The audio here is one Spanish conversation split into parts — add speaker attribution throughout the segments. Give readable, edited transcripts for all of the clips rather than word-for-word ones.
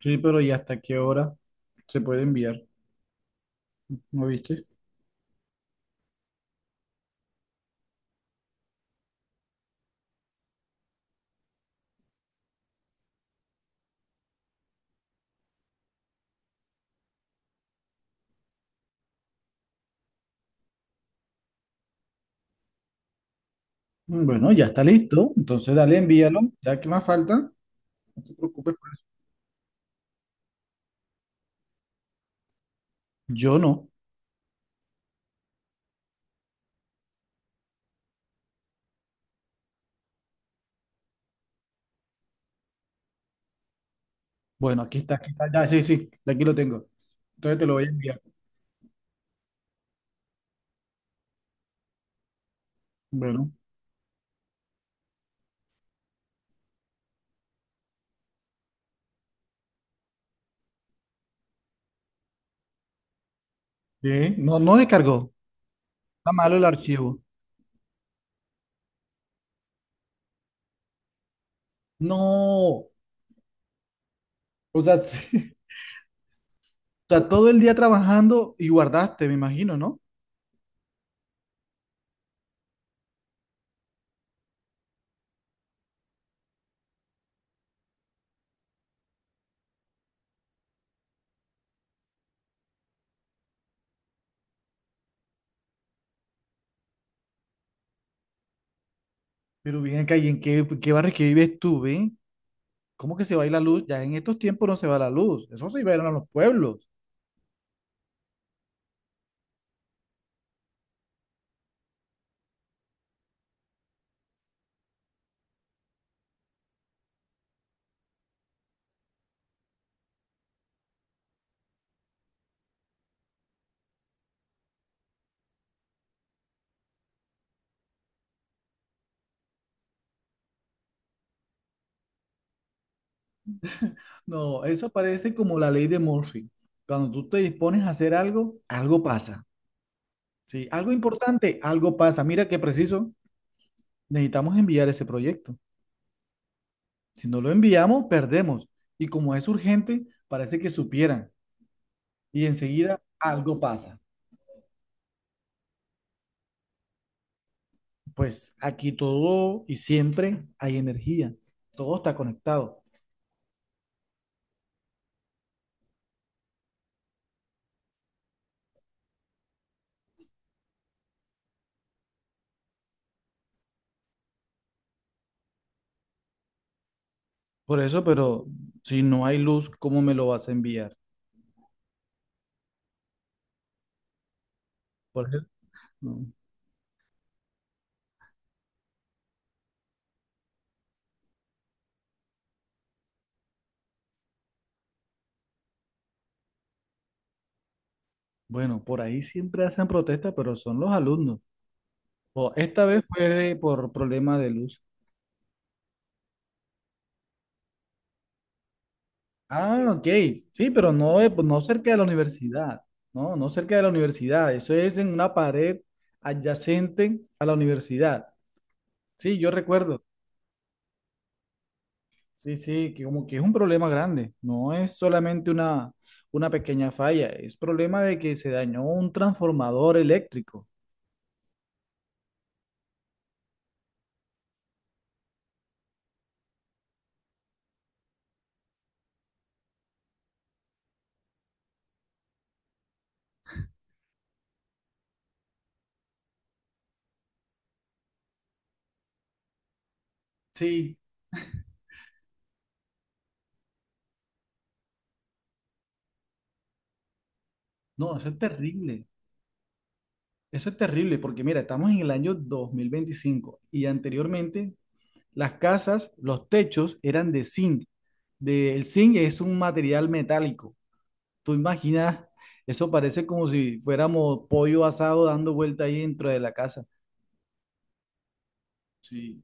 Speaker 1: Sí, pero ¿y hasta qué hora se puede enviar? ¿No viste? Bueno, ya está listo. Entonces dale, envíalo. ¿Ya qué más falta? No te preocupes. Yo no. Bueno, aquí está, aquí está. Ya, sí, sí, aquí lo tengo. Entonces te lo voy a enviar. Bueno. ¿Qué? No, no descargó. Está malo el archivo. No. O sea, sí. O sea, todo el día trabajando y guardaste, me imagino, ¿no? Pero bien acá, ¿y en qué, qué barrio que vives tú, ven? ¿Cómo que se va a ir la luz? Ya en estos tiempos no se va la luz. Eso se iba a ir a los pueblos. No, eso parece como la ley de Murphy. Cuando tú te dispones a hacer algo, algo pasa. Sí, algo importante, algo pasa. Mira qué preciso, necesitamos enviar ese proyecto. Si no lo enviamos, perdemos. Y como es urgente, parece que supieran. Y enseguida algo pasa. Pues aquí todo y siempre hay energía. Todo está conectado. Por eso, pero si no hay luz, ¿cómo me lo vas a enviar? Por eso, no. Bueno, por ahí siempre hacen protesta, pero son los alumnos. Oh, esta vez fue por problema de luz. Ah, ok. Sí, pero no, no cerca de la universidad. No, no cerca de la universidad. Eso es en una pared adyacente a la universidad. Sí, yo recuerdo. Sí, sí, que como que es un problema grande. No es solamente una pequeña falla. Es problema de que se dañó un transformador eléctrico. Sí, no, eso es terrible. Eso es terrible porque mira, estamos en el año 2025 y anteriormente las casas, los techos eran de zinc. De, el zinc es un material metálico. Tú imaginas, eso parece como si fuéramos pollo asado dando vuelta ahí dentro de la casa. Sí.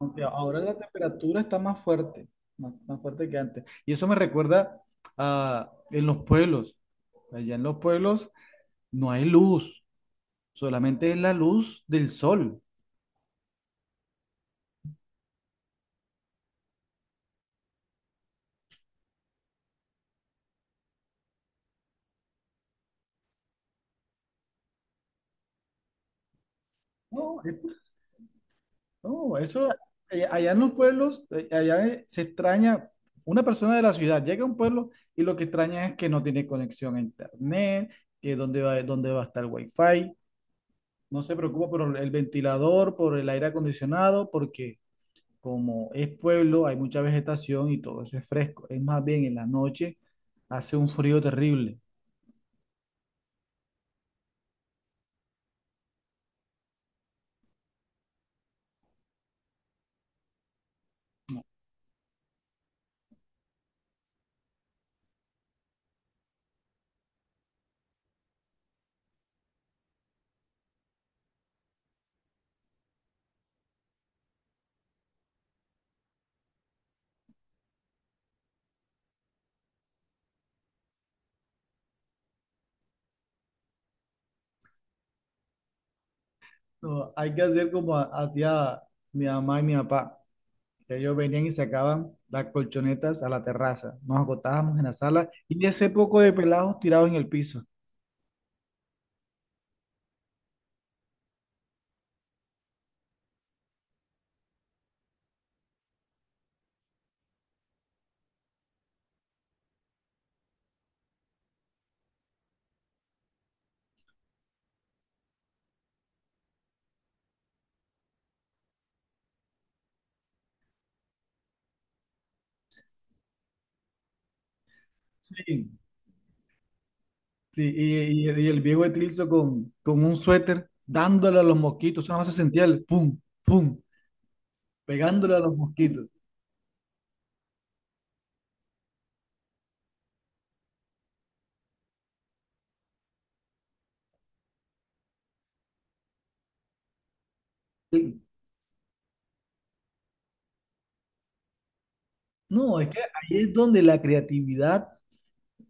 Speaker 1: Aunque ahora la temperatura está más fuerte, más, más fuerte que antes. Y eso me recuerda a en los pueblos. Allá en los pueblos no hay luz, solamente es la luz del sol. No, es No, eso, allá en los pueblos, allá se extraña, una persona de la ciudad llega a un pueblo y lo que extraña es que no tiene conexión a internet, que dónde va a estar el wifi, no se preocupa por el ventilador, por el aire acondicionado, porque como es pueblo, hay mucha vegetación y todo eso es fresco. Es más bien en la noche hace un frío terrible. No, hay que hacer como hacía mi mamá y mi papá. Ellos venían y sacaban las colchonetas a la terraza. Nos acotábamos en la sala y ese poco de pelados tirados en el piso. Sí, sí, y, y el viejo Etilso con un suéter dándole a los mosquitos. Nada más se sentía el pum, pum, pegándole a los mosquitos. Y- No, es que ahí es donde la creatividad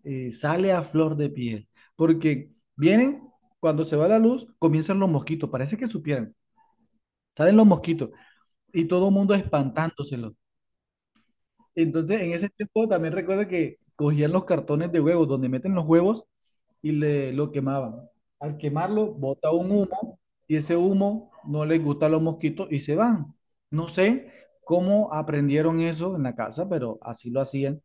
Speaker 1: sale a flor de piel. Porque vienen, cuando se va la luz, comienzan los mosquitos. Parece que supieran. Salen los mosquitos y todo el mundo espantándoselos. Entonces, en ese tiempo también recuerdo que cogían los cartones de huevos, donde meten los huevos y le, lo quemaban. Al quemarlo, bota un humo y ese humo no les gusta a los mosquitos y se van. No sé cómo aprendieron eso en la casa, pero así lo hacían.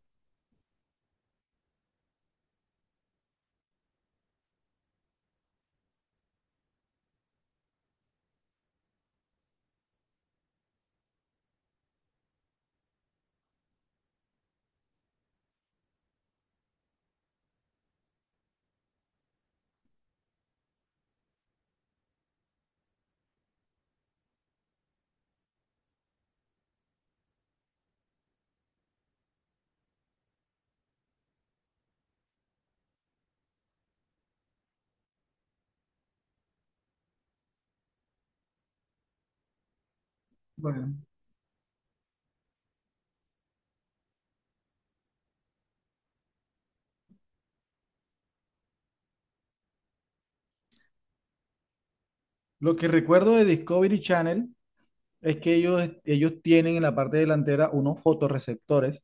Speaker 1: Bueno, lo que recuerdo de Discovery Channel es que ellos tienen en la parte delantera unos fotorreceptores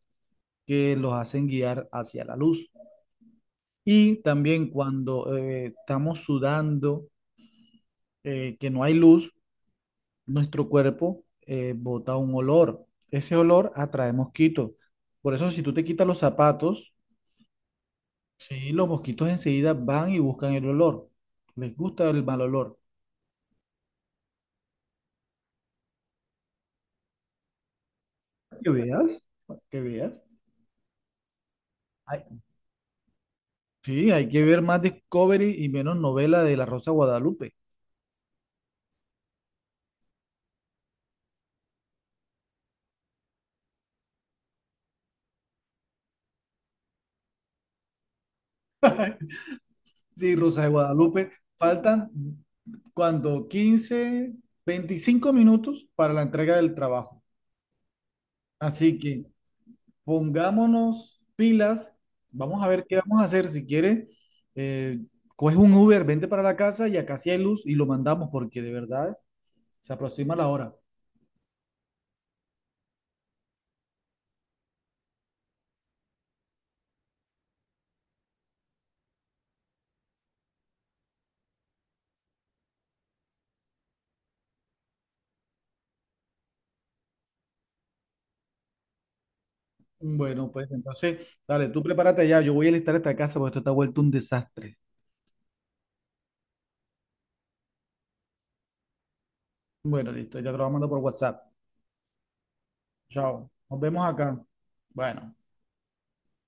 Speaker 1: que los hacen guiar hacia la luz. Y también cuando estamos sudando que no hay luz, nuestro cuerpo bota un olor. Ese olor atrae mosquitos. Por eso, si tú te quitas los zapatos, sí, los mosquitos enseguida van y buscan el olor. Les gusta el mal olor. Que veas, que veas. Ay, sí, hay que ver más Discovery y menos novela de la Rosa de Guadalupe. Sí, Rosa de Guadalupe. Faltan cuando 15 25 minutos para la entrega del trabajo. Así que pongámonos pilas, vamos a ver qué vamos a hacer. Si quiere, eh, coge un Uber, vente para la casa y acá sí hay luz y lo mandamos porque de verdad se aproxima la hora. Bueno, pues entonces, dale, tú prepárate ya, yo voy a listar esta casa porque esto está vuelto un desastre. Bueno, listo, ya te lo voy a mandar por WhatsApp. Chao, nos vemos acá. Bueno.